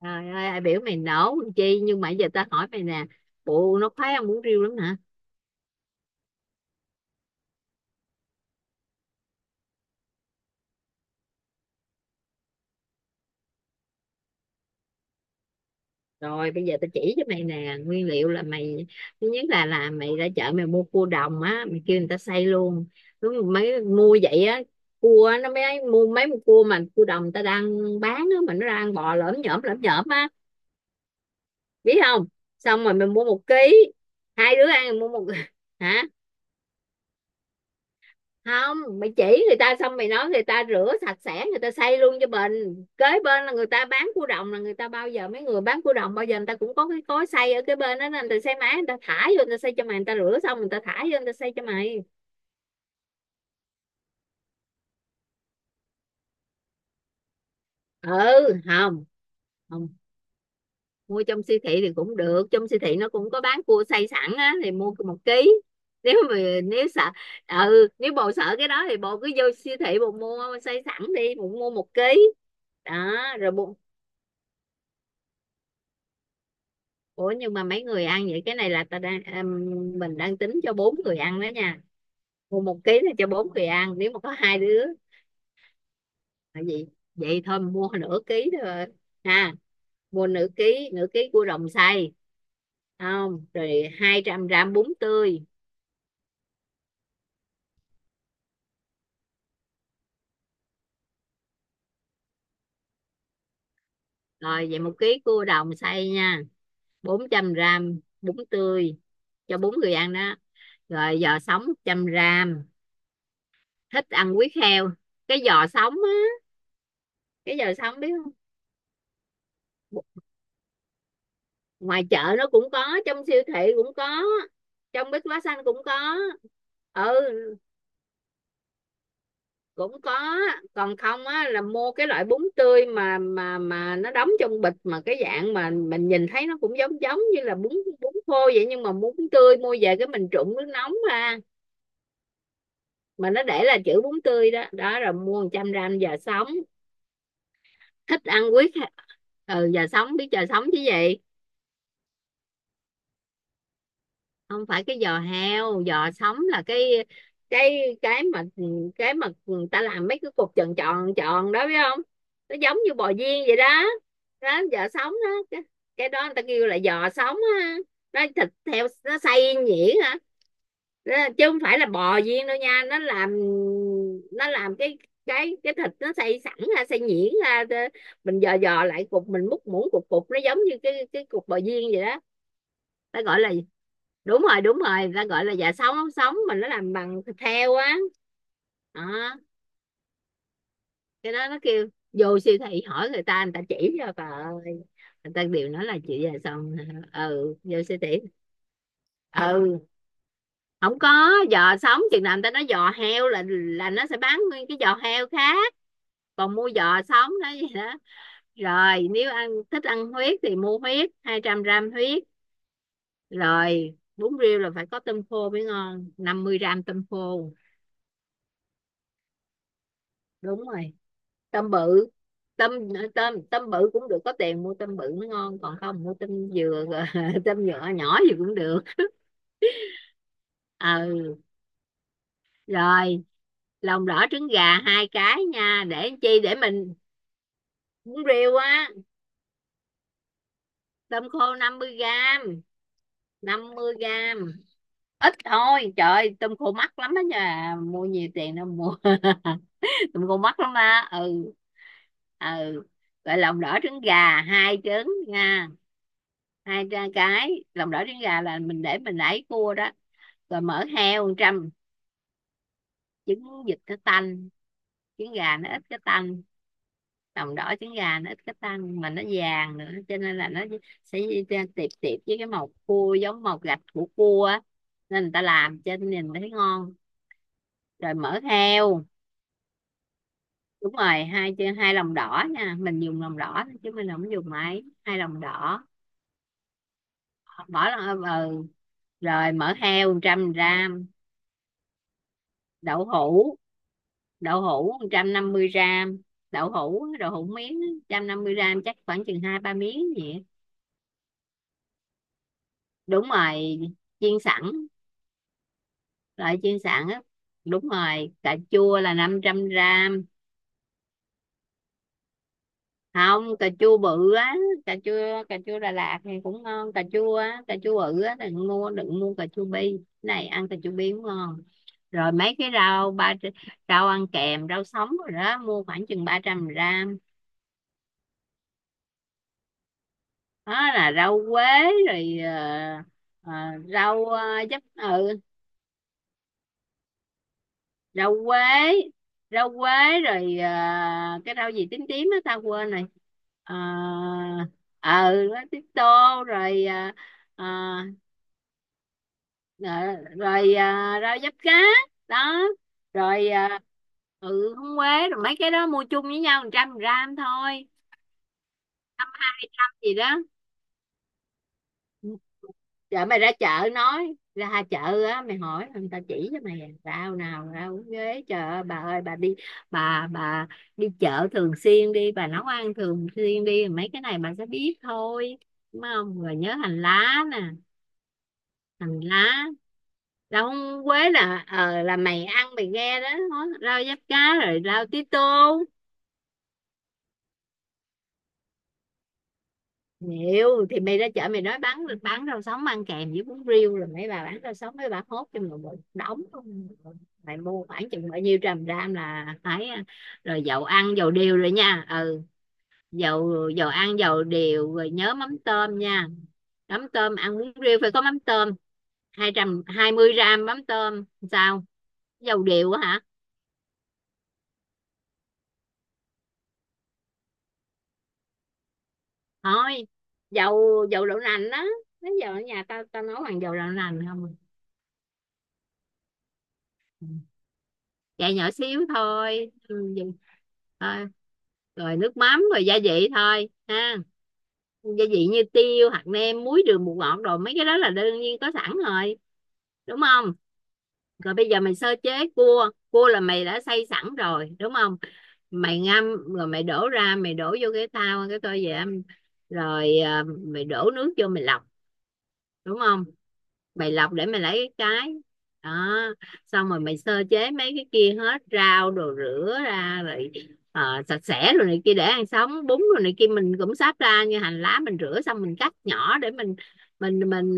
Trời ơi, ai biểu mày nổ con chi, nhưng mà giờ tao hỏi mày nè, bộ nó khoái ăn bún riêu lắm hả? Rồi bây giờ tao chỉ cho mày nè, nguyên liệu là mày thứ nhất là mày ra chợ mày mua cua đồng á, mày kêu người ta xay luôn. Đúng rồi, mấy mua vậy á. Cua á, nó mới mua mấy con cua mà cua đồng người ta đang bán á, mà nó đang bò lởm nhởm á, biết không? Xong rồi mày mua 1 kg. Hai đứa ăn mua một hả? Không, mày chỉ người ta xong mày nói người ta rửa sạch sẽ, người ta xây luôn cho mình. Kế bên là người ta bán cua đồng, là người ta bao giờ mấy người bán cua đồng bao giờ người ta cũng có cái cối xay ở cái bên đó, nên người ta xây máy, người ta thả vô, người ta xây cho mày, người ta rửa xong người ta thả vô người ta xây cho mày. Ừ, không. Không, mua trong siêu thị thì cũng được, trong siêu thị nó cũng có bán cua xay sẵn á, thì mua 1 kg. Nếu mà nếu sợ ừ, nếu bộ sợ cái đó thì bộ cứ vô siêu thị bộ mua xay sẵn đi, bồ mua 1 kg. Đó rồi bộ. Ủa nhưng mà mấy người ăn vậy? Cái này là mình đang tính cho 4 người ăn đó nha. Mua 1 kg là cho 4 người ăn, nếu mà có 2 đứa là gì, vậy thôi mình mua 0,5 kg thôi. Ha, mua 0,5 kg 0,5 kg cua đồng xay. Không, rồi 200 gram bún tươi. Rồi vậy 1 kg cua đồng xay nha. 400 gram bún tươi cho bốn người ăn đó. Rồi giò sống 100 gram. Thích ăn huyết heo. Cái giò sống á. Cái giò sống, biết không? Ngoài chợ nó cũng có, trong siêu thị cũng có, trong Bách Hóa Xanh cũng có. Ừ, cũng có. Còn không á là mua cái loại bún tươi mà mà nó đóng trong bịch, mà cái dạng mà mình nhìn thấy nó cũng giống giống như là bún, bún khô vậy, nhưng mà bún tươi mua về cái mình trụng nước nóng ra, mà nó để là chữ bún tươi đó đó. Rồi mua 100 gram giò sống. Thích ăn quyết. Ừ giò sống, biết giò sống chứ gì. Không phải cái giò heo, giò sống là cái cái mà người ta làm mấy cái cục tròn tròn tròn đó, biết không? Nó giống như bò viên vậy đó. Đó, giò sống đó cái đó người ta kêu là giò sống á. Nó thịt heo nó xay nhuyễn hả. Đó, chứ không phải là bò viên đâu nha. Nó làm, nó làm cái thịt nó xay sẵn ra, xay nhuyễn ra, mình dò dò lại cục, mình múc muỗng cục cục nó giống như cái cục bò viên vậy đó. Ta gọi là, đúng rồi đúng rồi, người ta gọi là dạ sống, ống sống, mà nó làm bằng thịt heo á. Đó cái đó nó kêu, vô siêu thị hỏi người ta, người ta chỉ cho bà ơi. Người ta đều nói là chị già sống. Ừ vô siêu thị. Ừ, không có giò sống chừng nào người ta nói, giò heo là nó sẽ bán nguyên cái giò heo khác. Còn mua giò sống đó vậy đó. Rồi nếu ăn, thích ăn huyết thì mua huyết, 200 gram huyết. Rồi bún riêu là phải có tôm khô mới ngon, 50 gram tôm khô. Đúng rồi, tôm bự. Tôm tôm tôm bự cũng được, có tiền mua tôm bự mới ngon, còn không mua tôm dừa. Rồi tôm nhựa nhỏ gì cũng được. Ừ, rồi lòng đỏ trứng gà 2 cái nha, để làm chi, để mình muốn riêu á. Tôm khô 50 gram, 50 gram. Ít thôi, trời ơi, tôm khô mắc lắm đó nha, mua nhiều tiền đâu mua tôm khô mắc lắm á, ừ, ừ. Rồi lòng đỏ trứng gà 2 trứng nha. Hai ra cái lòng đỏ trứng gà là mình để mình ấy cua đó. Rồi mỡ heo 100. Trứng vịt cái tanh, trứng gà nó ít cái tanh. Lòng đỏ trứng gà nó ít cái tanh mà nó vàng nữa, cho nên là nó sẽ tiệp tiệp với cái màu cua, giống màu gạch của cua á. Nên người ta làm cho nhìn thấy ngon. Rồi mỡ heo. Đúng rồi, hai, 2 lòng đỏ nha, mình dùng lòng đỏ thôi chứ mình không dùng máy, 2 lòng đỏ. Bỏ lon, ừ. Rồi mỡ heo 100 gram. Đậu hũ, đậu hũ 150 gram. Đậu hũ, đậu hũ miếng á, 150 gram chắc khoảng chừng 2 3 miếng vậy. Đúng rồi, chiên sẵn. Loại chiên sẵn á. Đúng rồi, cà chua là 500 gram. Không, cà chua bự á. Cà chua Đà Lạt thì cũng ngon, cà chua á, cà chua bự á, đừng mua cà chua bi. Cái này ăn cà chua bi cũng ngon. Rồi mấy cái rau, ba rau ăn kèm, rau sống rồi đó, mua khoảng chừng 300 gram. Đó là rau quế. Rồi ờ, rau giấm, ừ. Rau quế rau quế rồi cái rau gì tím tím á, tao quên rồi. Ờ, ừ tía tô. Rồi ờ, Ờ, rồi à, rau diếp cá. Đó rồi à, ừ húng quế. Rồi mấy cái đó mua chung với nhau 100 gram thôi. Ăn, ăn gì đó. Rồi mày ra chợ nói, ra chợ á, mày hỏi người ta chỉ cho mày, à, rau nào rau húng quế, trời ơi, bà ơi, bà đi, bà đi chợ thường xuyên đi, bà nấu ăn thường xuyên đi, mấy cái này bà sẽ biết thôi. Đúng không? Rồi nhớ hành lá nè. Hành lá. Rau húng quế là ờ là mày ăn mày nghe đó. Rau diếp cá. Rồi rau tí tô. Nhiều thì mày ra chợ mày nói bán rau sống ăn kèm với bún riêu, rồi mấy bà bán rau sống mấy bà hốt cho mình một đống luôn. Mày mua khoảng chừng bao nhiêu trăm gram là phải à. Rồi dầu ăn dầu điều rồi nha, ừ. Dầu dầu ăn dầu điều rồi, nhớ mắm tôm nha. Mắm tôm, ăn bún riêu phải có mắm tôm. 220 gram mắm tôm. Sao? Dầu điều á hả? Thôi, dầu, dầu đậu nành đó. Nó giờ ở nhà tao tao nấu bằng dầu đậu nành không. À, dạ nhỏ xíu thôi, ừ, vậy thôi. Rồi nước mắm, rồi gia vị thôi ha. Gia vị như tiêu, hạt nêm, muối, đường, bột ngọt, rồi mấy cái đó là đương nhiên có sẵn rồi. Đúng không? Rồi bây giờ mày sơ chế. Cua cua là mày đã xay sẵn rồi, đúng không? Mày ngâm rồi mày đổ ra, mày đổ vô cái thau, cái tô vậy, rồi à, mày đổ nước vô mày lọc, đúng không? Mày lọc để mày lấy cái đó. Xong rồi mày sơ chế mấy cái kia hết, rau đồ rửa ra rồi sạch sẽ rồi, này kia để ăn sống bún rồi này kia, mình cũng sắp ra, như hành lá mình rửa xong mình cắt nhỏ để mình mình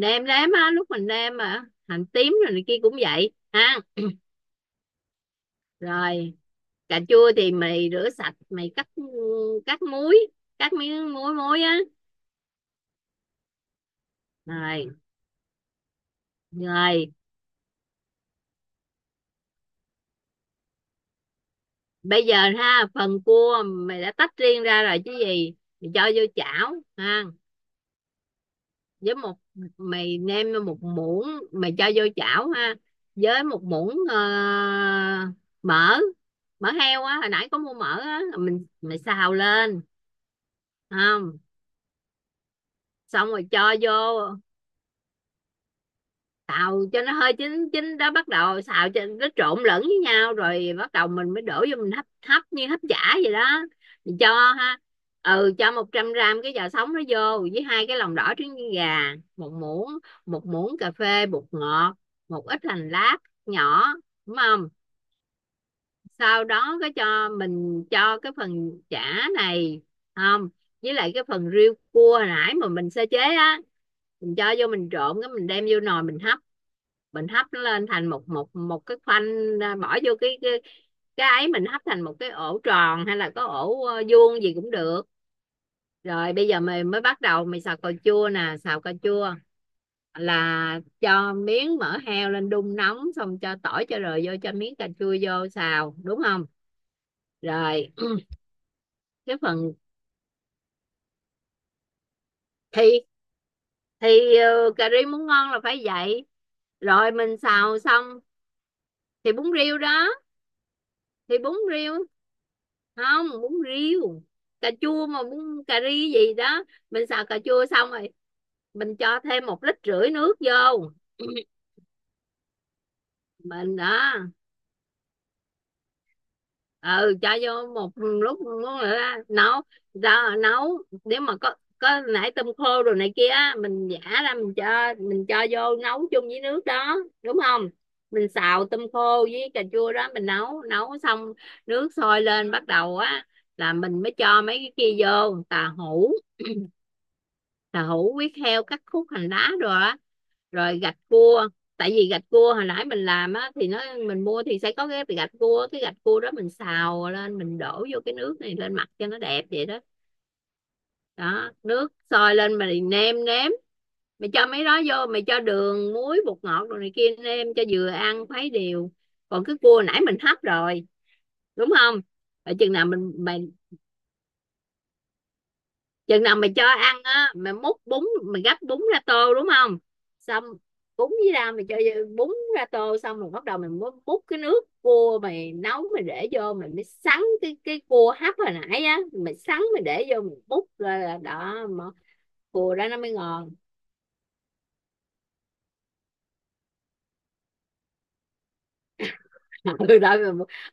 nêm nếm á lúc mình nêm, mà hành tím rồi này kia cũng vậy ha. Rồi cà chua thì mày rửa sạch mày cắt, cắt muối cắt miếng, muối muối á. Rồi rồi. Bây giờ ha, phần cua mày đã tách riêng ra rồi chứ gì. Mày cho vô chảo ha, với một, mày nêm một muỗng, mày cho vô chảo ha với một muỗng mỡ, mỡ heo á, hồi nãy có mua mỡ á, mày xào lên. Không, xong rồi cho vô. Xào cho nó hơi chín chín đó, bắt đầu xào cho nó trộn lẫn với nhau, rồi bắt đầu mình mới đổ vô mình hấp, hấp như hấp chả vậy đó. Mình cho ha, ừ, cho 100 gram cái giò sống nó vô với 2 cái lòng đỏ trứng gà, một muỗng cà phê bột ngọt, một ít hành lá nhỏ, đúng không? Sau đó cái cho mình cho cái phần chả này, không, với lại cái phần riêu cua hồi nãy mà mình sơ chế á, mình cho vô mình trộn, cái mình đem vô nồi mình hấp, mình hấp nó lên thành một một một cái khoanh, à, bỏ vô cái ấy mình hấp thành một cái ổ tròn, hay là có ổ vuông gì cũng được. Rồi bây giờ mình mới bắt đầu mình xào cà chua nè. Xào cà chua là cho miếng mỡ heo lên đun nóng, xong cho tỏi cho rồi vô, cho miếng cà chua vô xào, đúng không? Rồi cái phần, thi cà ri muốn ngon là phải vậy. Rồi mình xào xong, thì bún riêu đó, thì bún riêu, không bún riêu cà chua mà bún cà ri gì đó. Mình xào cà chua xong rồi mình cho thêm 1,5 lít nước vô mình đó. Ừ cho vô một lúc muốn là nấu ra, nấu nếu mà có nãy tôm khô rồi này kia á, mình giả ra mình cho, mình cho vô nấu chung với nước đó, đúng không? Mình xào tôm khô với cà chua đó, mình nấu, nấu xong nước sôi lên bắt đầu á là mình mới cho mấy cái kia vô, tàu hũ tàu hũ, huyết heo cắt khúc, hành lá rồi á, rồi gạch cua. Tại vì gạch cua hồi nãy mình làm á, thì nó mình mua thì sẽ có cái gạch cua, cái gạch cua đó mình xào lên mình đổ vô cái nước này lên mặt cho nó đẹp vậy đó. Đó nước sôi lên mày nêm nếm, mày cho mấy đó vô, mày cho đường, muối, bột ngọt rồi này kia, nêm cho vừa ăn khuấy đều. Còn cái cua nãy mình hấp rồi, đúng không? Rồi chừng nào mình, mày, chừng nào mày cho ăn á, mày múc bún, mày gắp bún ra tô, đúng không? Xong bún với ra mày cho bún ra tô xong, rồi bắt đầu mày múc, múc cái nước cua mày nấu, mày để vô, mày mới sắn cái cua hấp hồi nãy á, mày sắn mày để vô, mày múc ra là đó mà, cua đó nó mới ngon. Ừ, đó,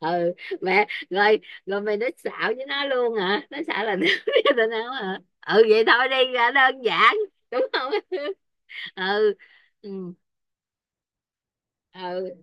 mày, ừ, mẹ rồi. Rồi mày nói xạo với nó luôn hả, nó xạo là nước với tao nấu hả. Ừ vậy thôi đi ra đơn giản, đúng không? Ừ, ừ, ừ.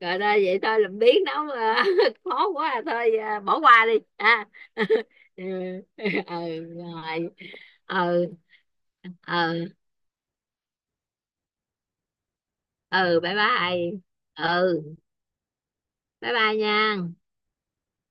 Rồi thôi, vậy thôi làm biến nấu à, khó quá à, thôi à, bỏ qua đi ha ừ, ừ. Rồi, ừ, ừ, ừ bye bye. Ừ, bye bye nha.